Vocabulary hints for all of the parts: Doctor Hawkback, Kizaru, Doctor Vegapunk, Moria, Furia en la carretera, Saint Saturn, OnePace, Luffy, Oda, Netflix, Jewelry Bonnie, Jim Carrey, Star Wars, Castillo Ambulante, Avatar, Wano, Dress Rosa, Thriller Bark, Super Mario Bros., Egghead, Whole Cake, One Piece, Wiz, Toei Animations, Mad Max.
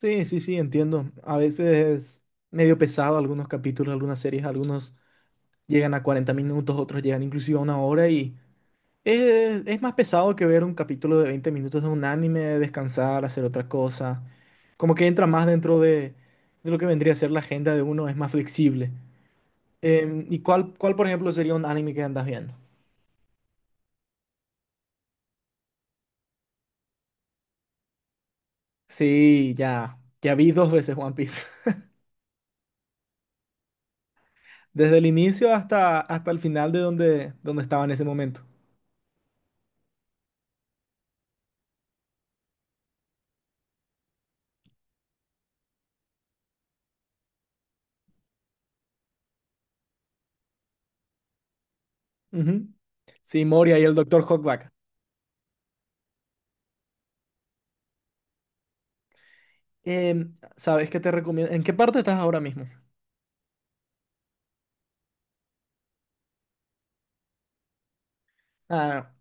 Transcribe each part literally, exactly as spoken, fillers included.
Sí, sí, sí, entiendo. A veces es medio pesado algunos capítulos, algunas series, algunos llegan a cuarenta minutos, otros llegan inclusive a una hora y es, es más pesado que ver un capítulo de veinte minutos de un anime, descansar, hacer otra cosa. Como que entra más dentro de, de lo que vendría a ser la agenda de uno, es más flexible. Em, ¿y cuál, cuál, por ejemplo, sería un anime que andas viendo? Sí, ya, ya vi dos veces One Piece. Desde el inicio hasta, hasta el final de donde, donde estaba en ese momento. Ujú. Sí, Moria y el Doctor Hawkback. Em, ¿sabes qué te recomiendo? ¿En qué parte estás ahora mismo? Ah,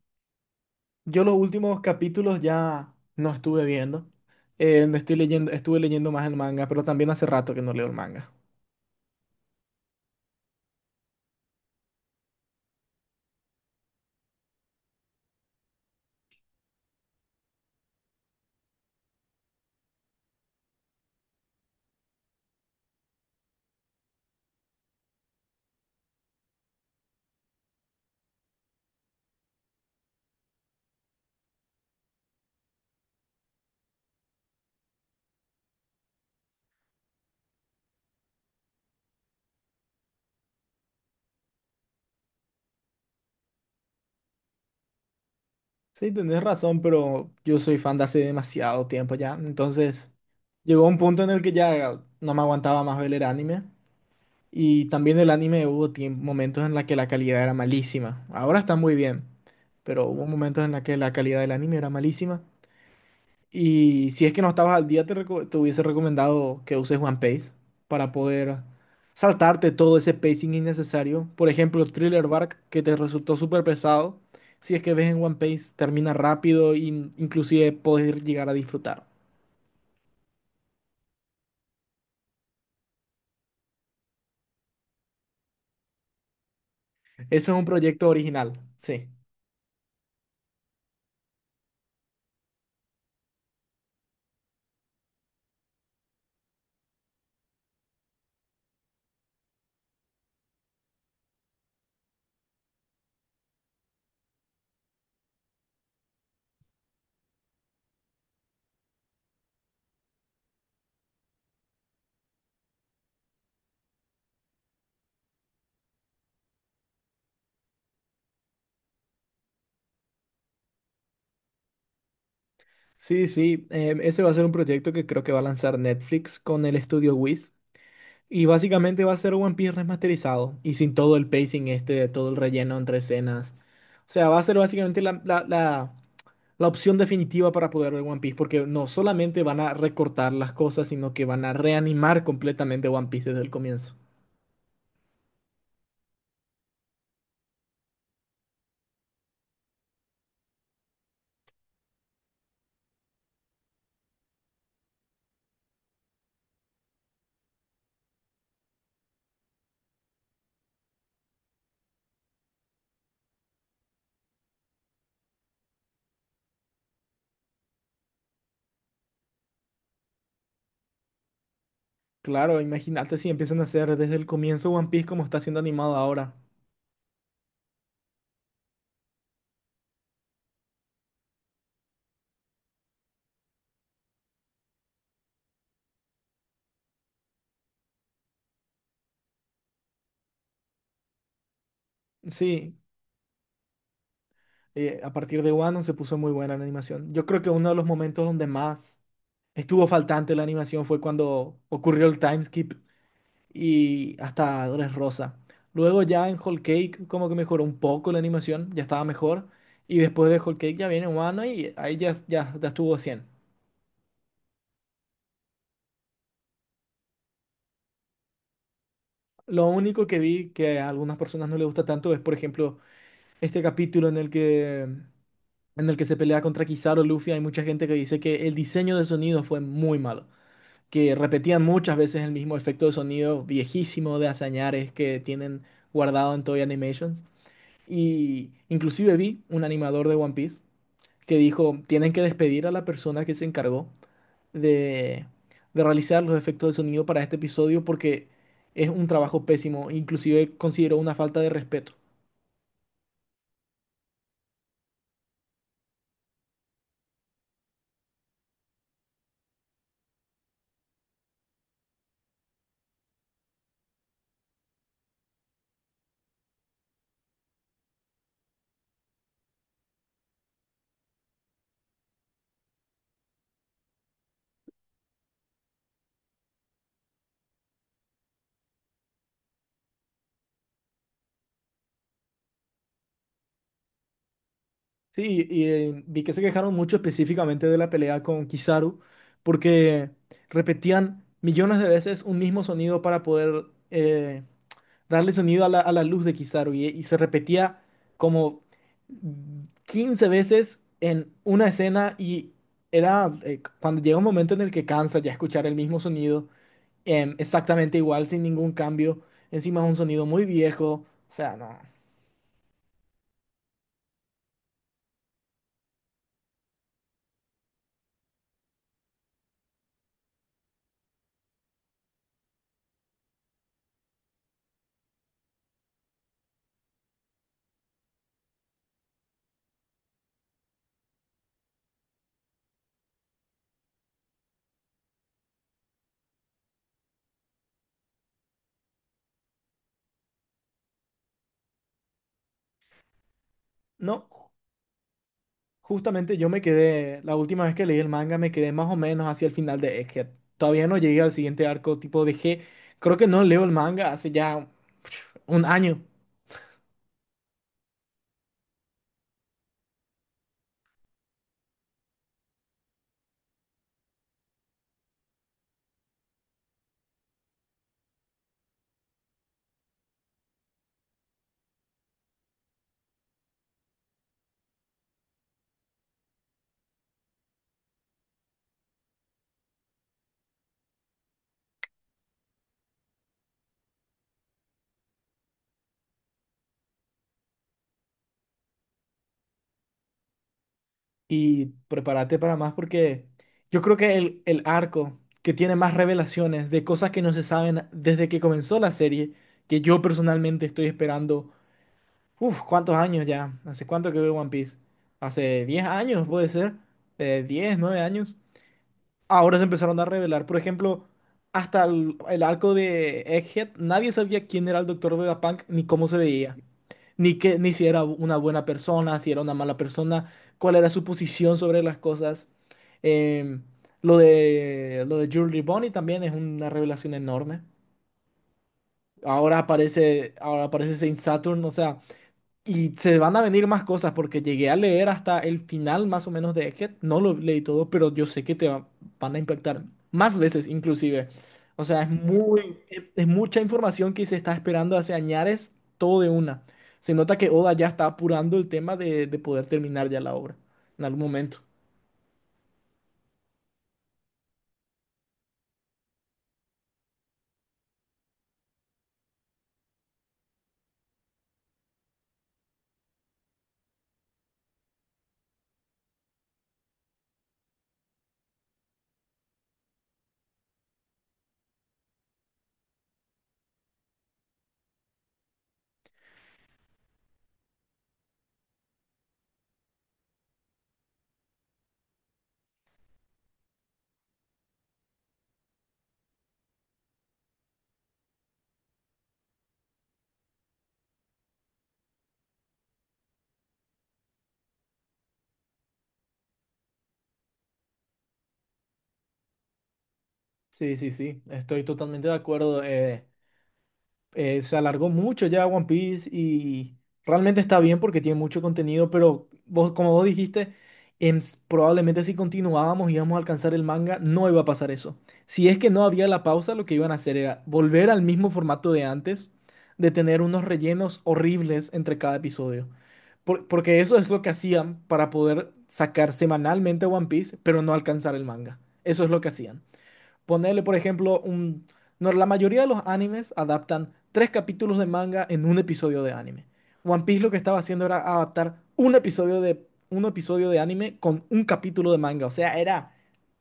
yo los últimos capítulos ya no estuve viendo. Eh, me estoy leyendo, estuve leyendo más el manga, pero también hace rato que no leo el manga. Sí, tenés razón, pero yo soy fan de hace demasiado tiempo ya. Entonces, llegó un punto en el que ya no me aguantaba más ver el anime. Y también el anime hubo tiem- momentos en la que la calidad era malísima. Ahora está muy bien, pero hubo momentos en la que la calidad del anime era malísima. Y si es que no estabas al día, te, reco- te hubiese recomendado que uses OnePace para poder saltarte todo ese pacing innecesario. Por ejemplo, Thriller Bark, que te resultó súper pesado. Si es que ves en OnePace, termina rápido e in- inclusive puedes llegar a disfrutar. Ese es un proyecto original, sí. Sí, sí, em, ese va a ser un proyecto que creo que va a lanzar Netflix con el estudio Wiz. Y básicamente va a ser One Piece remasterizado y sin todo el pacing este, todo el relleno entre escenas. O sea, va a ser básicamente la, la, la- la opción definitiva para poder ver One Piece, porque no solamente van a recortar las cosas, sino que van a reanimar completamente One Piece desde el comienzo. Claro, imagínate si empiezan a hacer desde el comienzo One Piece como está siendo animado ahora. Sí, eh, a partir de Wano se puso muy buena la animación. Yo creo que uno de los momentos donde más estuvo faltante la animación fue cuando ocurrió el time skip y hasta Dress Rosa. Luego ya en Whole Cake como que mejoró un poco la animación, ya estaba mejor. Y después de Whole Cake ya viene Wano y ahí ya, ya, ya estuvo a cien. Lo único que vi que a algunas personas no les gusta tanto es, por ejemplo, este capítulo en el que, en el que se pelea contra Kizaru Luffy. Hay mucha gente que dice que el diseño de sonido fue muy malo. Que repetían muchas veces el mismo efecto de sonido viejísimo de Azañares que tienen guardado en Toei Animations. Y inclusive vi un animador de One Piece que dijo, tienen que despedir a la persona que se encargó de, de realizar los efectos de sonido para este episodio porque es un trabajo pésimo, inclusive consideró una falta de respeto. Sí, y eh, vi que se quejaron mucho específicamente de la pelea con Kizaru porque repetían millones de veces un mismo sonido para poder eh, darle sonido a la, a la luz de Kizaru y, y se repetía como quince veces en una escena y era eh, cuando llega un momento en el que cansa ya escuchar el mismo sonido em, exactamente igual sin ningún cambio. Encima es un sonido muy viejo, o sea, no. No, ju- justamente yo me quedé, la última vez que leí el manga me quedé más o menos hacia el final de Egghead. Todavía no llegué al siguiente arco, tipo dejé, creo que no leo el manga hace ya, pf, un año. Y prepárate para más porque yo creo que el, el arco que tiene más revelaciones de cosas que no se saben desde que comenzó la serie, que yo personalmente estoy esperando, uff, ¿cuántos años ya? ¿Hace cuánto que veo One Piece? Hace diez años puede ser, eh, diez, nueve años. Ahora se empezaron a revelar, por ejemplo, hasta el, el arco de Egghead, nadie sabía quién era el Doctor Vegapunk ni cómo se veía, ni que, ni si era una buena persona, si era una mala persona, cuál era su posición sobre las cosas. Em, lo de lo de Jewelry Bonnie también es una revelación enorme. Ahora aparece, ahora aparece Saint Saturn, o sea, y se van a venir más cosas porque llegué a leer hasta el final más o menos de Egghead. No lo leí todo, pero yo sé que te va- van a impactar más veces inclusive. O sea, es muy, es, es mucha información que se está esperando hace añares, todo de una. Se nota que Oda ya está apurando el tema de, de poder terminar ya la obra en algún momento. Sí, sí, sí, estoy totalmente de acuerdo. Eh, eh, se alargó mucho ya One Piece y realmente está bien porque tiene mucho contenido, pero vos, como vos dijiste, em, s- probablemente si continuábamos y íbamos a alcanzar el manga, no iba a pasar eso. Si es que no había la pausa, lo que iban a hacer era volver al mismo formato de antes, de tener unos rellenos horribles entre cada episodio. Por- porque eso es lo que hacían para poder sacar semanalmente One Piece, pero no alcanzar el manga. Eso es lo que hacían. Ponerle, por ejemplo, un... No, la mayoría de los animes adaptan tres capítulos de manga en un episodio de anime. One Piece lo que estaba haciendo era adaptar un episodio de, un episodio de anime con un capítulo de manga. O sea, era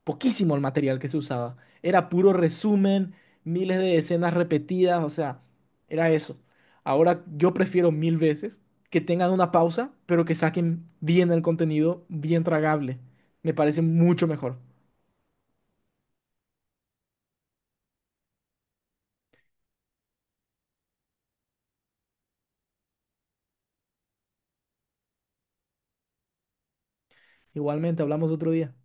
poquísimo el material que se usaba. Era puro resumen, miles de escenas repetidas, o sea, era eso. Ahora yo prefiero mil veces que tengan una pausa, pero que saquen bien el contenido, bien tragable. Me parece mucho mejor. Igualmente, hablamos otro día.